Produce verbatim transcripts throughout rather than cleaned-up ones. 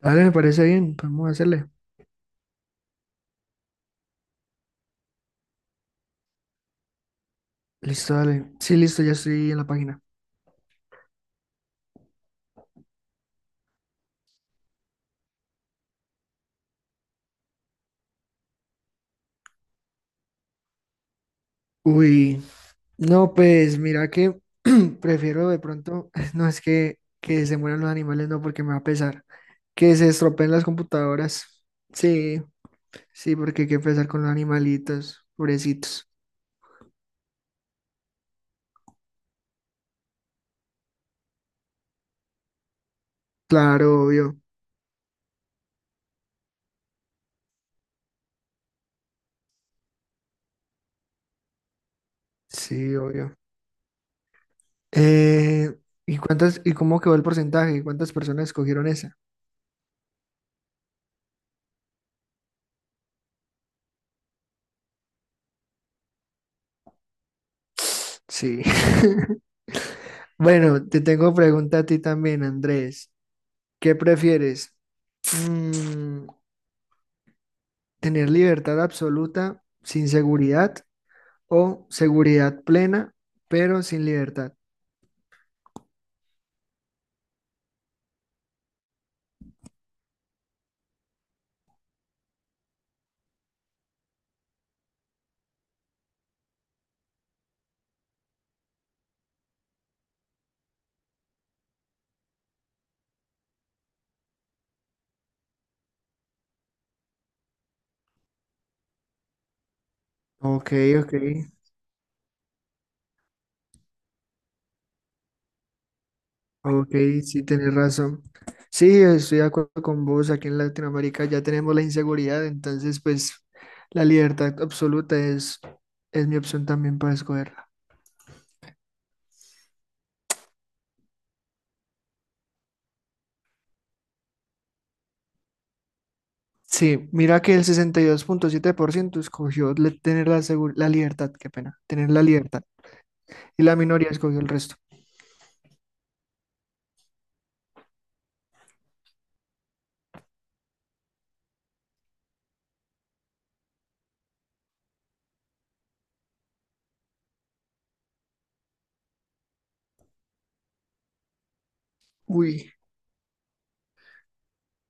Dale, me parece bien, podemos hacerle. Listo, dale. Sí, listo, ya estoy en la página. Uy, no, pues mira que prefiero de pronto, no es que, que se mueran los animales, no, porque me va a pesar. Que se estropeen las computadoras. Sí, sí, porque hay que empezar con los animalitos, pobrecitos. Claro, obvio. Sí, obvio. Eh, ¿y cuántas, y cómo quedó el porcentaje? ¿Cuántas personas escogieron esa? Sí. Bueno, te tengo pregunta a ti también, Andrés. ¿Qué prefieres? Mm, ¿tener libertad absoluta sin seguridad o seguridad plena pero sin libertad? Ok, ok, ok, sí tienes razón. Sí, estoy de acuerdo con vos. Aquí en Latinoamérica ya tenemos la inseguridad, entonces pues la libertad absoluta es, es mi opción también para escogerla. Sí, mira que el sesenta y dos punto siete por ciento escogió le- tener la, segu- la libertad, qué pena, tener la libertad y la minoría escogió el resto. Uy.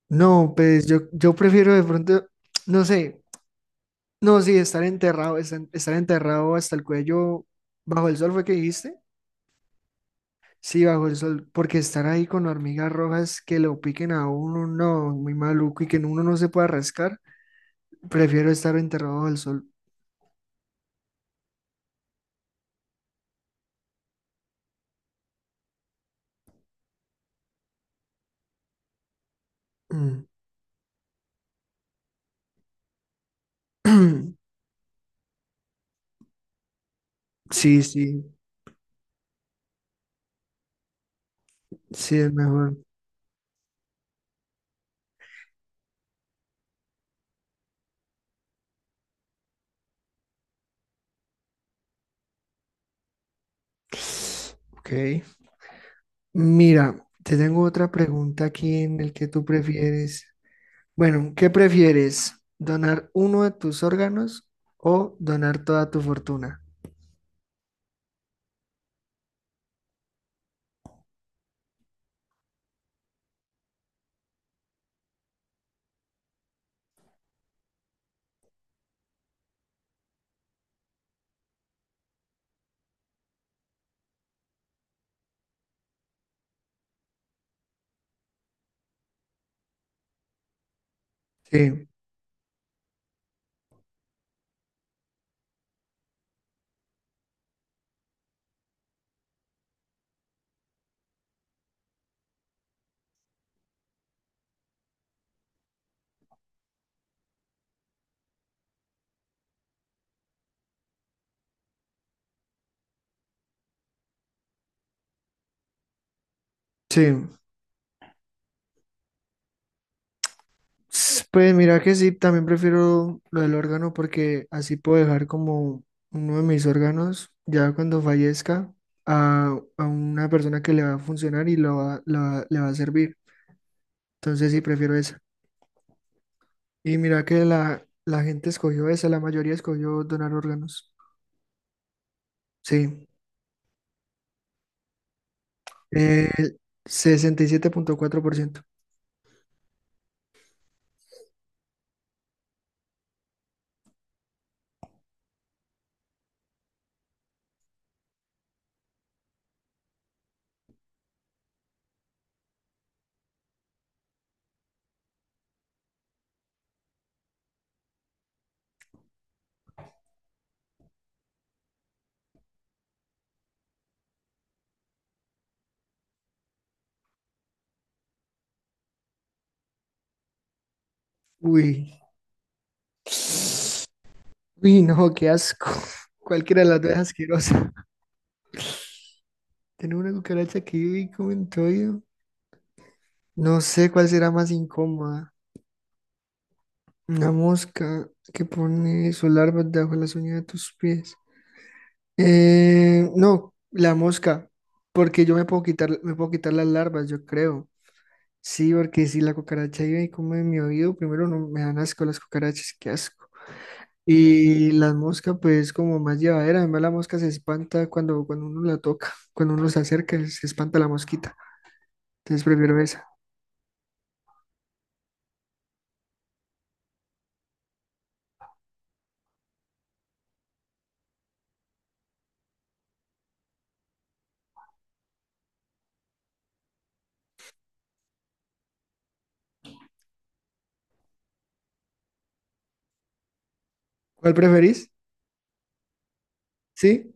No, pues yo, yo prefiero de pronto, no sé, no, sí, estar enterrado, estar, estar enterrado hasta el cuello bajo el sol, ¿fue que dijiste? Sí, bajo el sol, porque estar ahí con hormigas rojas que lo piquen a uno, no, muy maluco y que uno no se pueda rascar, prefiero estar enterrado bajo el sol. Mm. Sí, sí, sí, es mejor. Ok. Mira, te tengo otra pregunta aquí en el que tú prefieres. Bueno, ¿qué prefieres? ¿Donar uno de tus órganos o donar toda tu fortuna? Sí, sí. S- Pues mira que sí, también prefiero lo del órgano porque así puedo dejar como uno de mis órganos ya cuando fallezca a, a una persona que le va a funcionar y lo va- lo va- le va a servir. Entonces sí, prefiero esa. Y mira que la, la gente escogió esa, la mayoría escogió donar órganos. Sí, el sesenta y siete punto cuatro por ciento. Uy. Uy, no, qué asco. Cualquiera de las dos es asquerosa. Tener una cucaracha que vive y come en todo oído. No sé cuál será más incómoda. Una mosca que pone su larva debajo de las uñas de tus pies. Eh, no, la mosca. Porque yo me puedo quitar, me puedo quitar las larvas, yo creo. Sí, porque si la cucaracha vive y come en mi oído, primero no me dan asco las cucarachas, qué asco. Y las moscas, pues, como más llevadera. Además, la mosca se espanta cuando, cuando uno la toca, cuando uno se acerca, se espanta la mosquita. Entonces, prefiero esa. ¿Cuál preferís? Sí,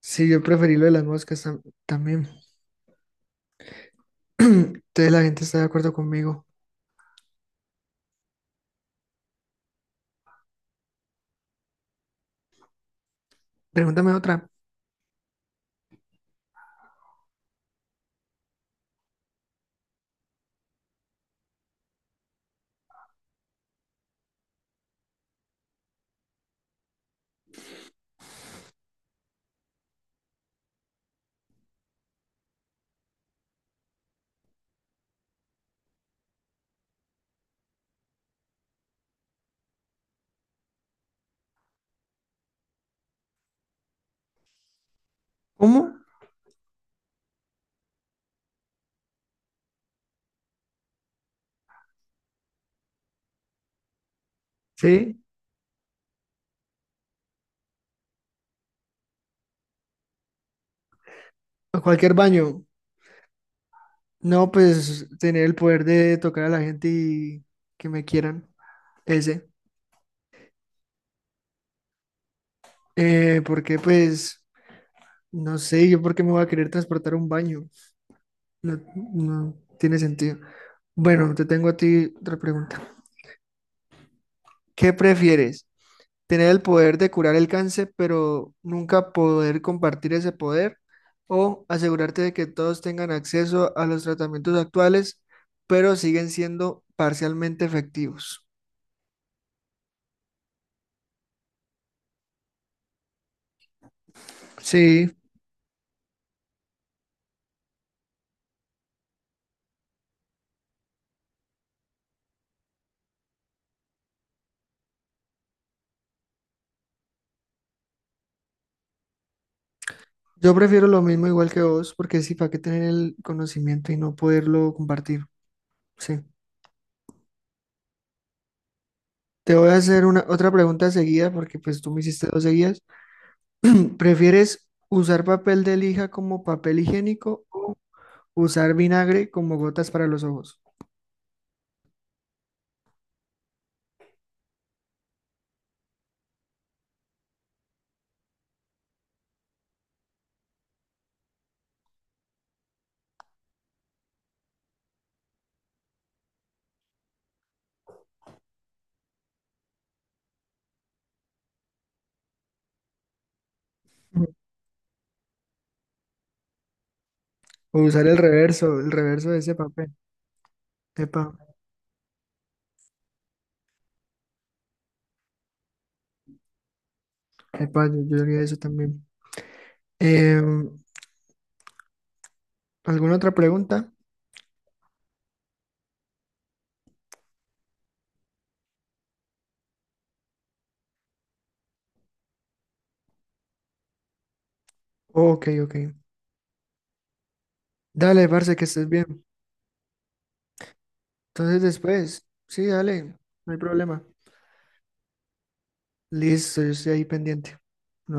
sí, yo preferí lo de las moscas tam- también. Entonces, la gente está de acuerdo conmigo. Pregúntame otra. ¿Cómo? Sí, a cualquier baño. No, pues, tener el poder de tocar a la gente y que me quieran. Ese. Eh, porque, pues, no sé, yo por qué me voy a querer transportar a un baño. No, no tiene sentido. Bueno, te tengo a ti otra pregunta. ¿Qué prefieres? ¿Tener el poder de curar el cáncer, pero nunca poder compartir ese poder? ¿O asegurarte de que todos tengan acceso a los tratamientos actuales, pero siguen siendo parcialmente efectivos? Sí, yo prefiero lo mismo igual que vos, porque sí, ¿para qué tener el conocimiento y no poderlo compartir? Sí. Te voy a hacer una, otra pregunta seguida, porque pues tú me hiciste dos seguidas. ¿Prefieres usar papel de lija como papel higiénico o usar vinagre como gotas para los ojos? Ujú. O usar el reverso, el reverso de ese papel. Epa, epa, yo, yo haría eso también. Em, ¿alguna otra pregunta? Ok, ok. Dale, parce, que estés bien. Entonces después, sí, dale, no hay problema. Listo, yo estoy ahí pendiente. Nos